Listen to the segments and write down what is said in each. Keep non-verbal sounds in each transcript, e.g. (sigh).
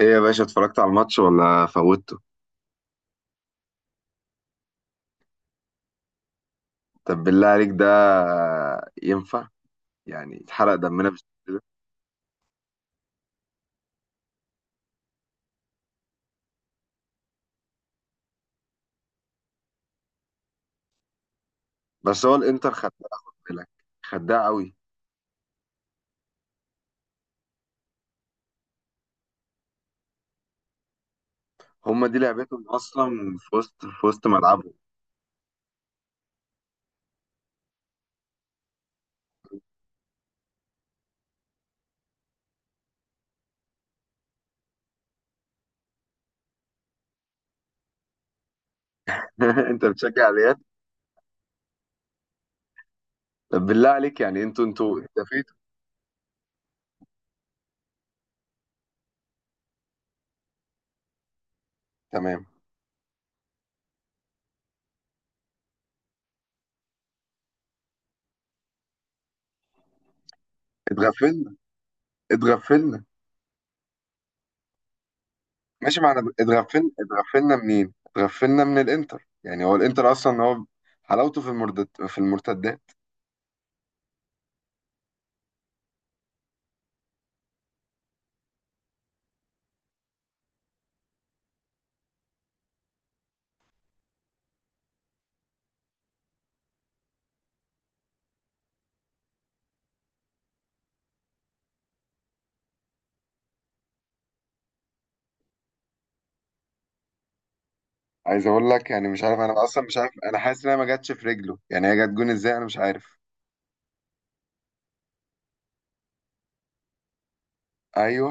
ايه يا باشا، اتفرجت على الماتش ولا فوتته؟ طب بالله عليك، ده ينفع؟ يعني اتحرق دمنا بالشكل ده. بس هو الانتر خدها، خد بالك. خدها قوي. هما دي لعبتهم اصلا في وسط ملعبهم. (laughs) انت بتشجع ريال؟ طب بالله عليك، يعني انتوا اتدفيتوا. تمام. اتغفلنا، اتغفلنا. ماشي معنا، اتغفلنا، اتغفلنا منين؟ اتغفلنا من الانتر. يعني هو الانتر اصلا هو حلاوته في المرتدات. عايز اقول لك، يعني مش عارف، انا اصلا مش عارف، انا حاسس انها ما جاتش في رجله. يعني هي جت جون ازاي؟ انا مش عارف. ايوه،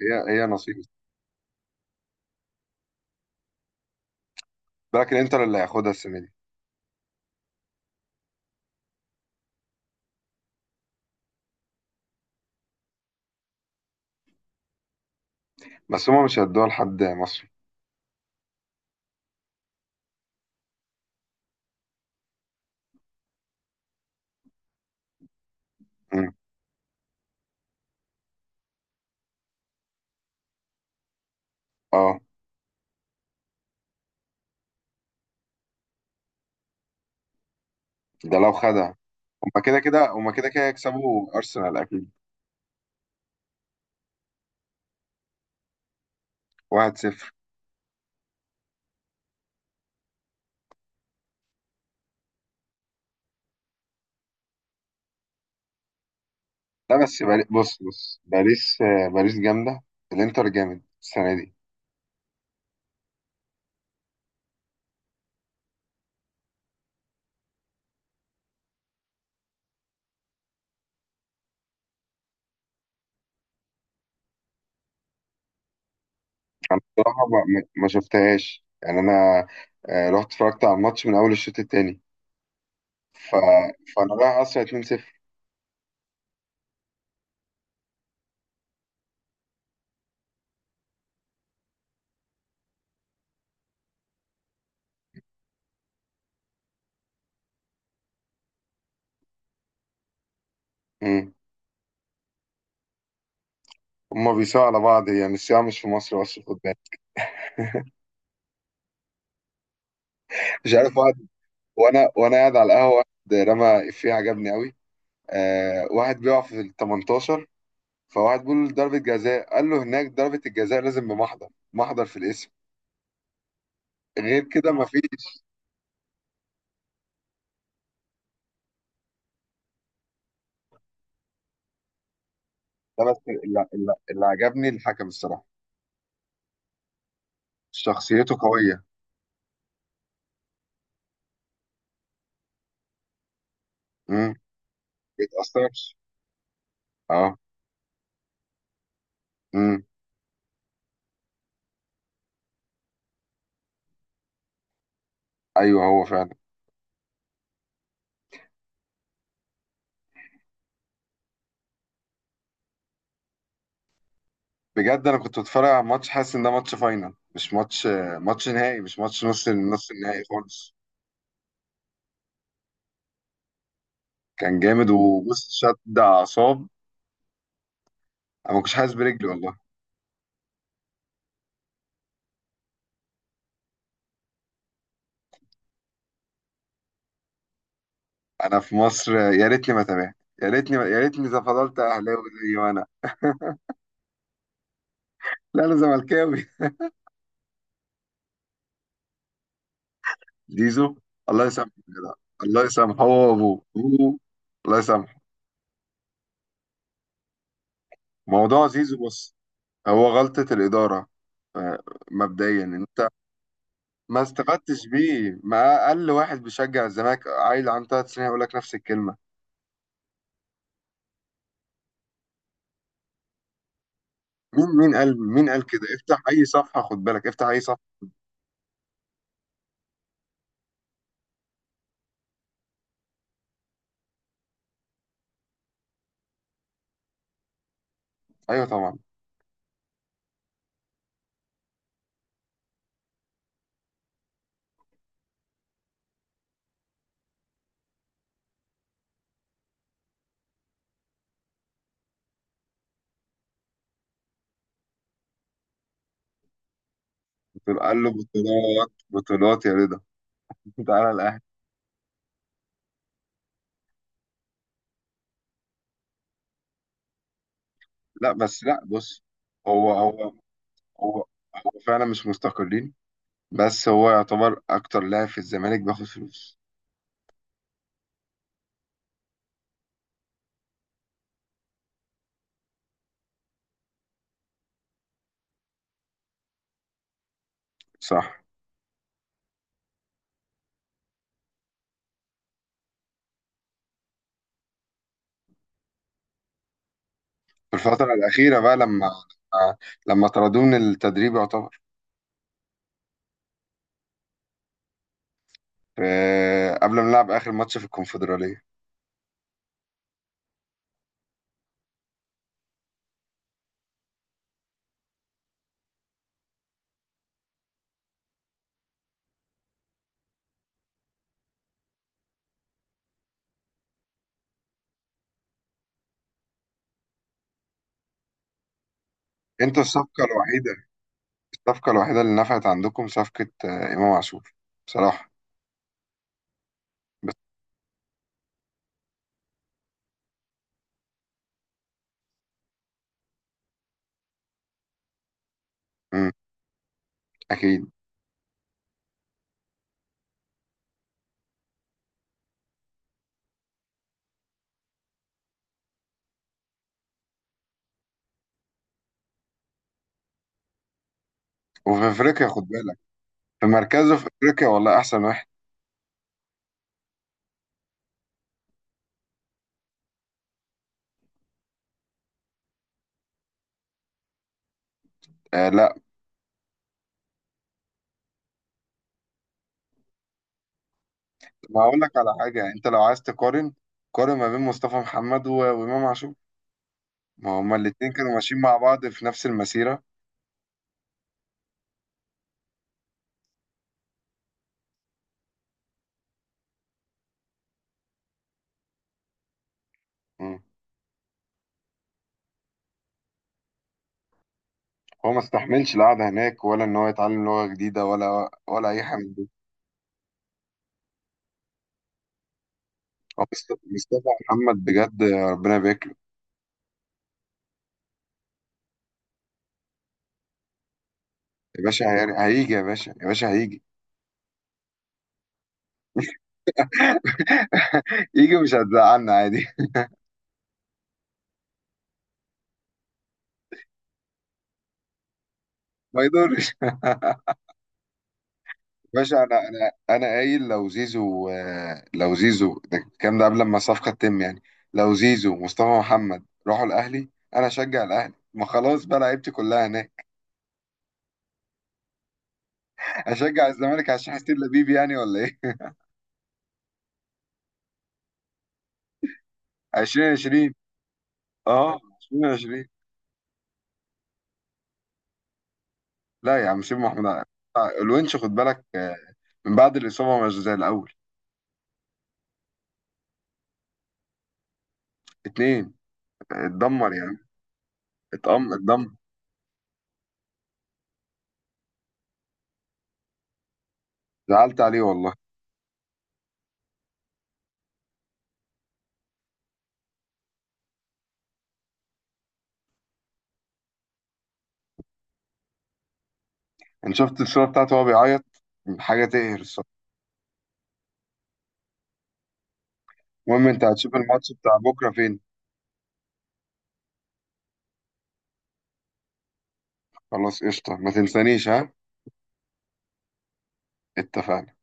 هي نصيب. لكن الانتر اللي هياخدها السنه دي. بس هما مش هيدوها لحد مصري. مم. اه، ده لو خدها. هما كده كده هيكسبوا ارسنال اكيد. 1-0. لا بس بص، بص، باريس، باريس جامده. الانتر جامد السنه دي. بصراحه ما شفتهاش يعني انا، رحت اتفرجت على الماتش من اول الشوط التاني. ف... فانا رايح اصلا 2-0. هما بيساووا على بعض. يعني الصياعة مش في مصر بس، في الخد. مش عارف، واحد، وانا قاعد على القهوة، واحد رمى إفيه عجبني قوي. آه، واحد بيقع في ال 18، فواحد بيقول له: ضربة جزاء. قال له: هناك ضربة الجزاء لازم بمحضر، محضر في الاسم. غير كده مفيش. ده بس اللي عجبني الحكم، الصراحة. شخصيته قوية. امم. بيتأثرش. اه. امم. ايوه، هو فعلا. بجد انا كنت بتفرج على الماتش حاسس ان ده ماتش فاينل، مش ماتش، ماتش نهائي، مش ماتش نص نص النهائي خالص. كان جامد، وبص شد اعصاب. انا ما كنتش حاسس برجلي والله. انا في مصر يا ريتني ما تابعت. يا ريتني إذا فضلت اهلاوي زي ما انا. لا انا زملكاوي. (laughs) زيزو، الله يسامحه يا جدع. الله يسامحه، هو وابوه. الله يسامحه. موضوع زيزو، بص، هو غلطة الإدارة. آه، مبدئيا انت ما استفدتش بيه. ما اقل واحد بيشجع الزمالك عيل عنده 3 سنين هيقول لك نفس الكلمه. مين قال كده؟ افتح اي صفحه، خد بالك افتح اي صفحه. ايوه طبعا. دول قال له: بطولات، بطولات يا رضا. (laughs) تعالى الاهلي. لا بس لا، بص، هو هو هو هو فعلا مش مستقلين. بس هو يعتبر اكتر لاعب في الزمالك بياخد فلوس. صح، في الفترة الأخيرة بقى، لما طردوه من التدريب يعتبر. قبل ما نلعب آخر ماتش في الكونفدرالية. انتوا الصفقة الوحيدة، الصفقة الوحيدة اللي نفعت عندكم، صفقة إمام عاشور، بصراحة. بس. مم، أكيد. وفي أفريقيا خد بالك، في مركزه في أفريقيا والله أحسن واحد. آه، ما اقول لك على حاجه، يعني انت لو عايز تقارن، قارن ما بين مصطفى محمد وامام عاشور. ما هما الاتنين كانوا ماشيين مع بعض في نفس المسيره. مم. هو ما استحملش القعده هناك، ولا ان هو يتعلم لغه جديده، ولا اي حاجه من دي. هو مصطفى محمد، بجد ربنا يبارك له. يا باشا هيجي، يا باشا يا باشا هيجي. (laughs) يجي مش هتزعلنا عادي. (laughs) ما يضرش. (laughs) باشا، انا قايل لو زيزو، لو زيزو ده الكلام ده قبل ما الصفقه تتم يعني. لو زيزو ومصطفى محمد راحوا الاهلي، انا اشجع الاهلي. ما خلاص بقى، لعيبتي كلها هناك. اشجع الزمالك عشان حسين لبيب يعني، ولا ايه؟ (laughs) 2020. اه، 2020. لا يا عم، سيب محمود علاء. الونش خد بالك، من بعد الاصابه مش زي الاول. اتنين. اتدمر يعني. اتدمر. زعلت عليه والله. انا شفت الصوره بتاعته وهو بيعيط، حاجه تقهر الصراحه. المهم، انت هتشوف الماتش بتاع بكره فين؟ خلاص قشطه، ما تنسانيش، ها؟ اتفقنا.